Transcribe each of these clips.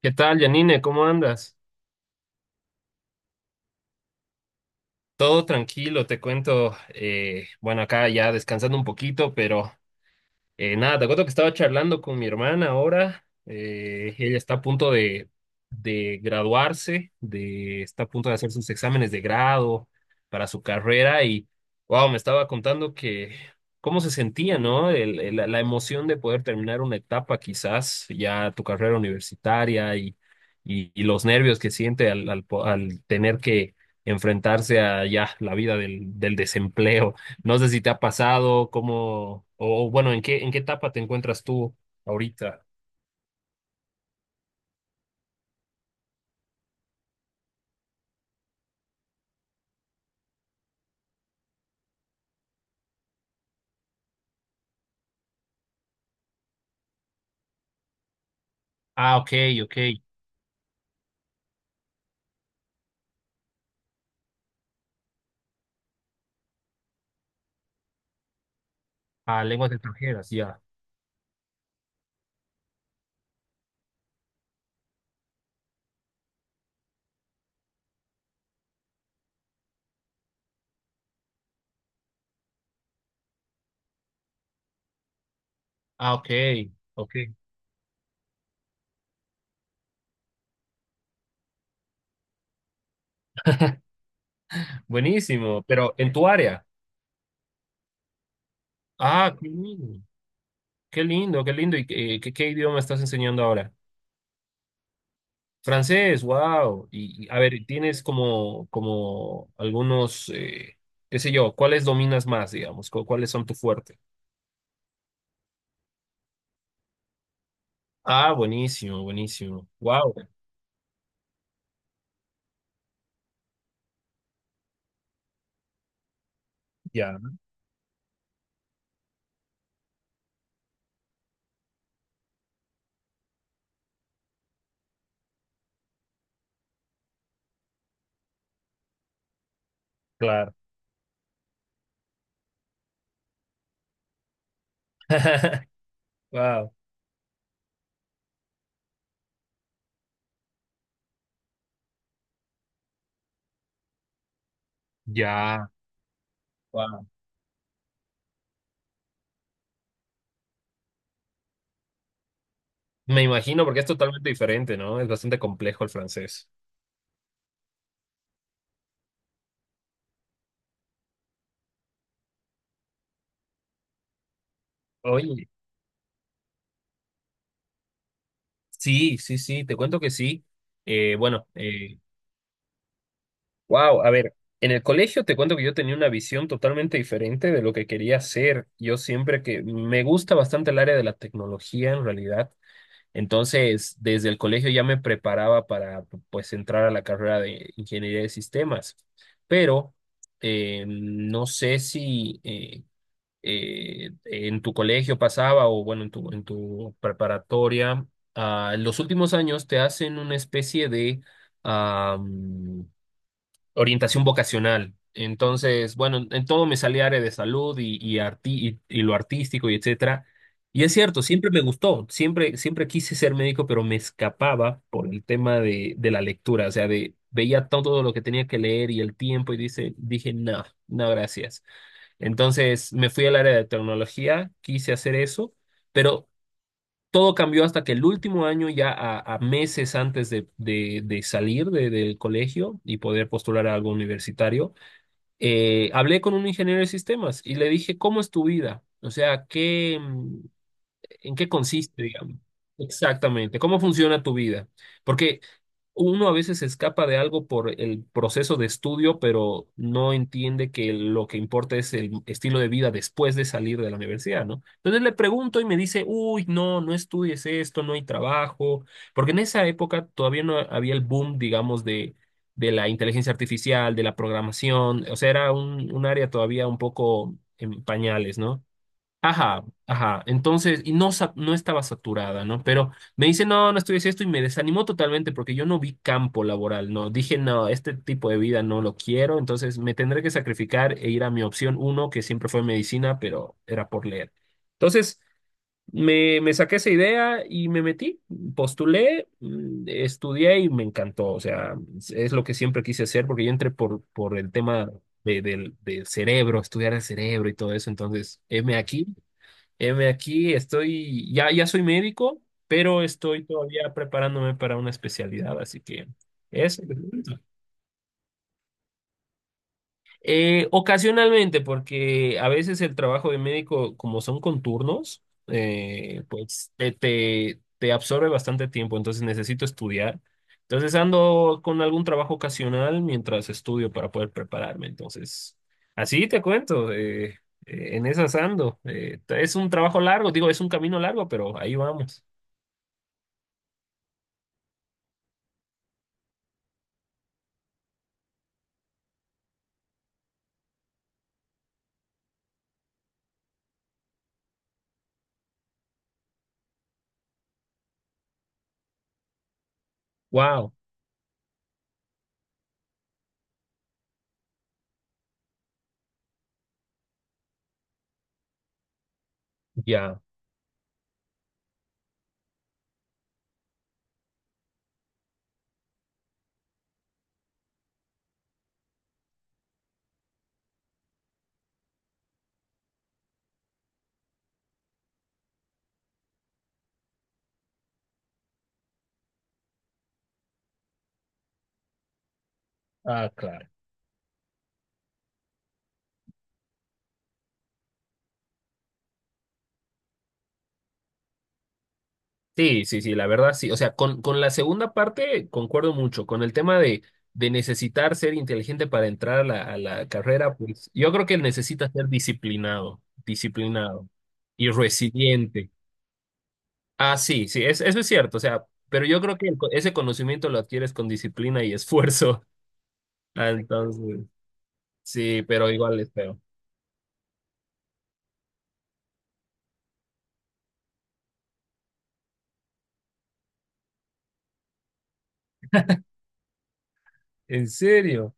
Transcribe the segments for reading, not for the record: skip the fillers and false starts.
¿Qué tal, Janine? ¿Cómo andas? Todo tranquilo, te cuento. Bueno, acá ya descansando un poquito, pero nada, te cuento que estaba charlando con mi hermana ahora. Ella está a punto de graduarse, de, está a punto de hacer sus exámenes de grado para su carrera y, wow, me estaba contando que cómo se sentía, ¿no? La emoción de poder terminar una etapa, quizás ya tu carrera universitaria y, y los nervios que siente al tener que enfrentarse a ya la vida del, del desempleo. No sé si te ha pasado, cómo, o bueno, en qué etapa te encuentras tú ahorita? Ah, ok, ok. Ah, lenguas extranjeras, ya. Ah, ok, ok. Buenísimo, pero en tu área. Ah, qué lindo, qué lindo, qué lindo. ¿Y qué, qué, qué idioma estás enseñando ahora? Francés, wow. Y, a ver, ¿tienes como, como algunos, qué sé yo, cuáles dominas más, digamos? ¿Cuáles son tu fuerte? Ah, buenísimo, buenísimo. Wow. Ya, claro. Wow. Ya, wow. Me imagino, porque es totalmente diferente, ¿no? Es bastante complejo el francés. Oye, sí, sí, sí, te cuento que sí. Eh, bueno, eh, wow, a ver, en el colegio te cuento que yo tenía una visión totalmente diferente de lo que quería hacer. Yo siempre que me gusta bastante el área de la tecnología en realidad. Entonces, desde el colegio ya me preparaba para, pues, entrar a la carrera de ingeniería de sistemas. Pero no sé si... en tu colegio pasaba o bueno, en tu preparatoria, ah, en los últimos años te hacen una especie de am, orientación vocacional. Entonces, bueno, en todo me salía área de salud y, y lo artístico y etcétera. Y es cierto, siempre me gustó, siempre, siempre quise ser médico, pero me escapaba por el tema de la lectura, o sea, de, veía todo lo que tenía que leer y el tiempo y dice, dije, no, no, gracias. Entonces me fui al área de tecnología, quise hacer eso, pero todo cambió hasta que el último año, ya a meses antes de, de salir del colegio y poder postular a algo universitario, hablé con un ingeniero de sistemas y le dije, ¿cómo es tu vida? O sea, ¿qué? ¿En qué consiste, digamos? Exactamente. ¿Cómo funciona tu vida? Porque uno a veces se escapa de algo por el proceso de estudio, pero no entiende que lo que importa es el estilo de vida después de salir de la universidad, ¿no? Entonces le pregunto y me dice, uy, no, no estudies esto, no hay trabajo, porque en esa época todavía no había el boom, digamos, de la inteligencia artificial, de la programación, o sea, era un área todavía un poco en pañales, ¿no? Ajá, ajá. Entonces, y no, no estaba saturada, ¿no? Pero me dice, no, no estudié esto y me desanimó totalmente porque yo no vi campo laboral, ¿no? Dije, no, este tipo de vida no lo quiero, entonces me tendré que sacrificar e ir a mi opción uno, que siempre fue medicina, pero era por leer. Entonces, me saqué esa idea y me metí, postulé, estudié y me encantó. O sea, es lo que siempre quise hacer porque yo entré por el tema del, del cerebro, estudiar el cerebro y todo eso. Entonces, heme aquí. Heme aquí, estoy, ya, ya soy médico, pero estoy todavía preparándome para una especialidad, así que eso. Te cuento. Ocasionalmente, porque a veces el trabajo de médico, como son con turnos, pues te, te absorbe bastante tiempo, entonces necesito estudiar. Entonces ando con algún trabajo ocasional mientras estudio para poder prepararme. Entonces, así te cuento. En esas ando. Es un trabajo largo, digo, es un camino largo, pero ahí vamos. Wow, ya. Ah, claro. Sí, sí, sí, la verdad sí. O sea, con la segunda parte concuerdo mucho. Con el tema de necesitar ser inteligente para entrar a la carrera, pues yo creo que necesita ser disciplinado, disciplinado y resiliente. Ah, sí, sí, eso es cierto. O sea, pero yo creo que ese conocimiento lo adquieres con disciplina y esfuerzo. Ah, entonces, sí, pero igual es feo. ¿En serio?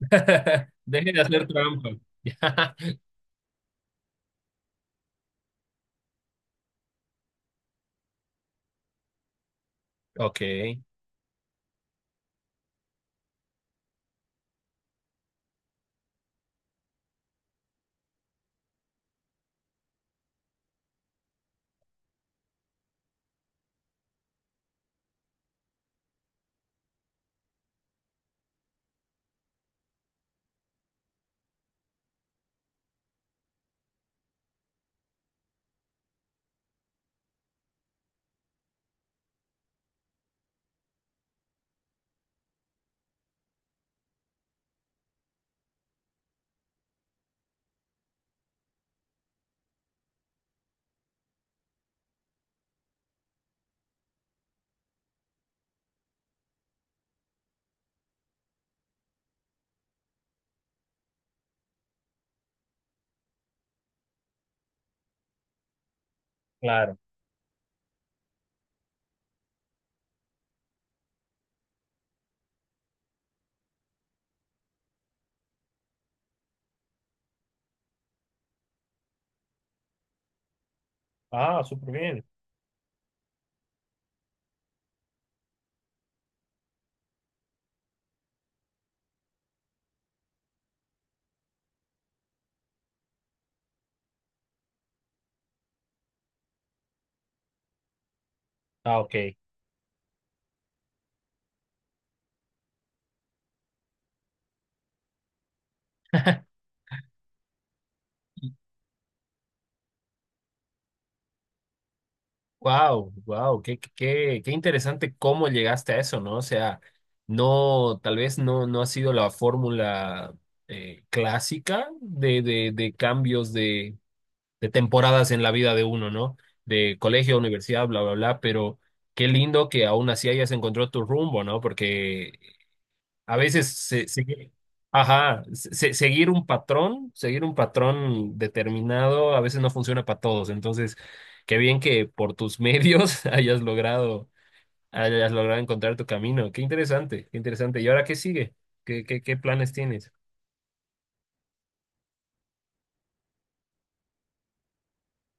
Deje de hacer trampa. Ok. Claro. Ah, súper bien. Ah, ok. Wow, wow, qué, qué, qué qué interesante cómo llegaste a eso, ¿no? O sea, no, tal vez no, no ha sido la fórmula clásica de cambios de temporadas en la vida de uno, ¿no? De colegio, a universidad, bla, bla, bla, pero qué lindo que aún así hayas encontrado tu rumbo, ¿no? Porque a veces seguir, ajá, seguir un patrón determinado, a veces no funciona para todos. Entonces, qué bien que por tus medios hayas logrado encontrar tu camino. Qué interesante, qué interesante. ¿Y ahora qué sigue? ¿Qué, qué, qué planes tienes?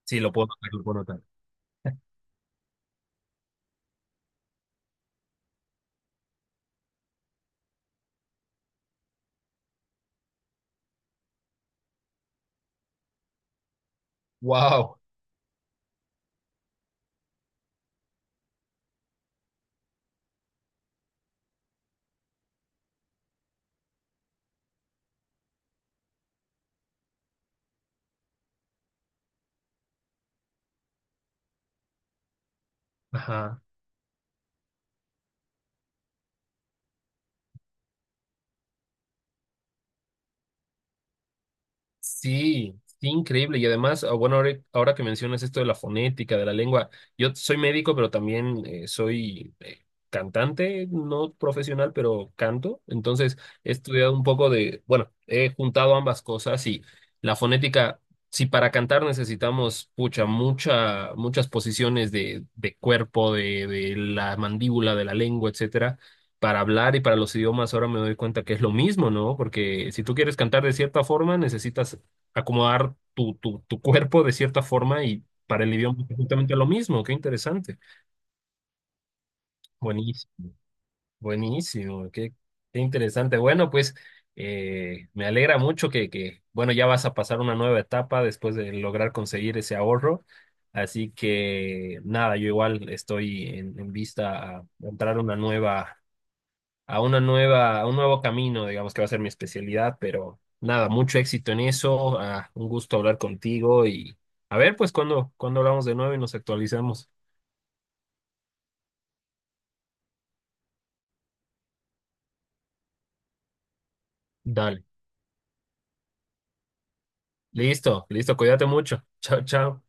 Sí, lo puedo notar, lo puedo notar. Wow. Sí, sí, increíble. Y además, ah, bueno, ahora, ahora que mencionas esto de la fonética, de la lengua, yo soy médico, pero también soy cantante, no profesional, pero canto. Entonces, he estudiado un poco de, bueno, he juntado ambas cosas y la fonética, si para cantar necesitamos, pucha, mucha, muchas posiciones de cuerpo, de la mandíbula, de la lengua, etcétera, para hablar y para los idiomas ahora me doy cuenta que es lo mismo, ¿no? Porque si tú quieres cantar de cierta forma, necesitas acomodar tu, tu cuerpo de cierta forma y para el idioma es justamente lo mismo. Qué interesante. Buenísimo, buenísimo, qué, qué interesante. Bueno, pues me alegra mucho que, bueno, ya vas a pasar una nueva etapa después de lograr conseguir ese ahorro. Así que nada, yo igual estoy en vista a entrar a una nueva a una nueva, a un nuevo camino, digamos que va a ser mi especialidad, pero nada, mucho éxito en eso, ah, un gusto hablar contigo y a ver, pues cuando, cuando hablamos de nuevo y nos actualizamos. Dale, listo, listo, cuídate mucho. Chao, chao.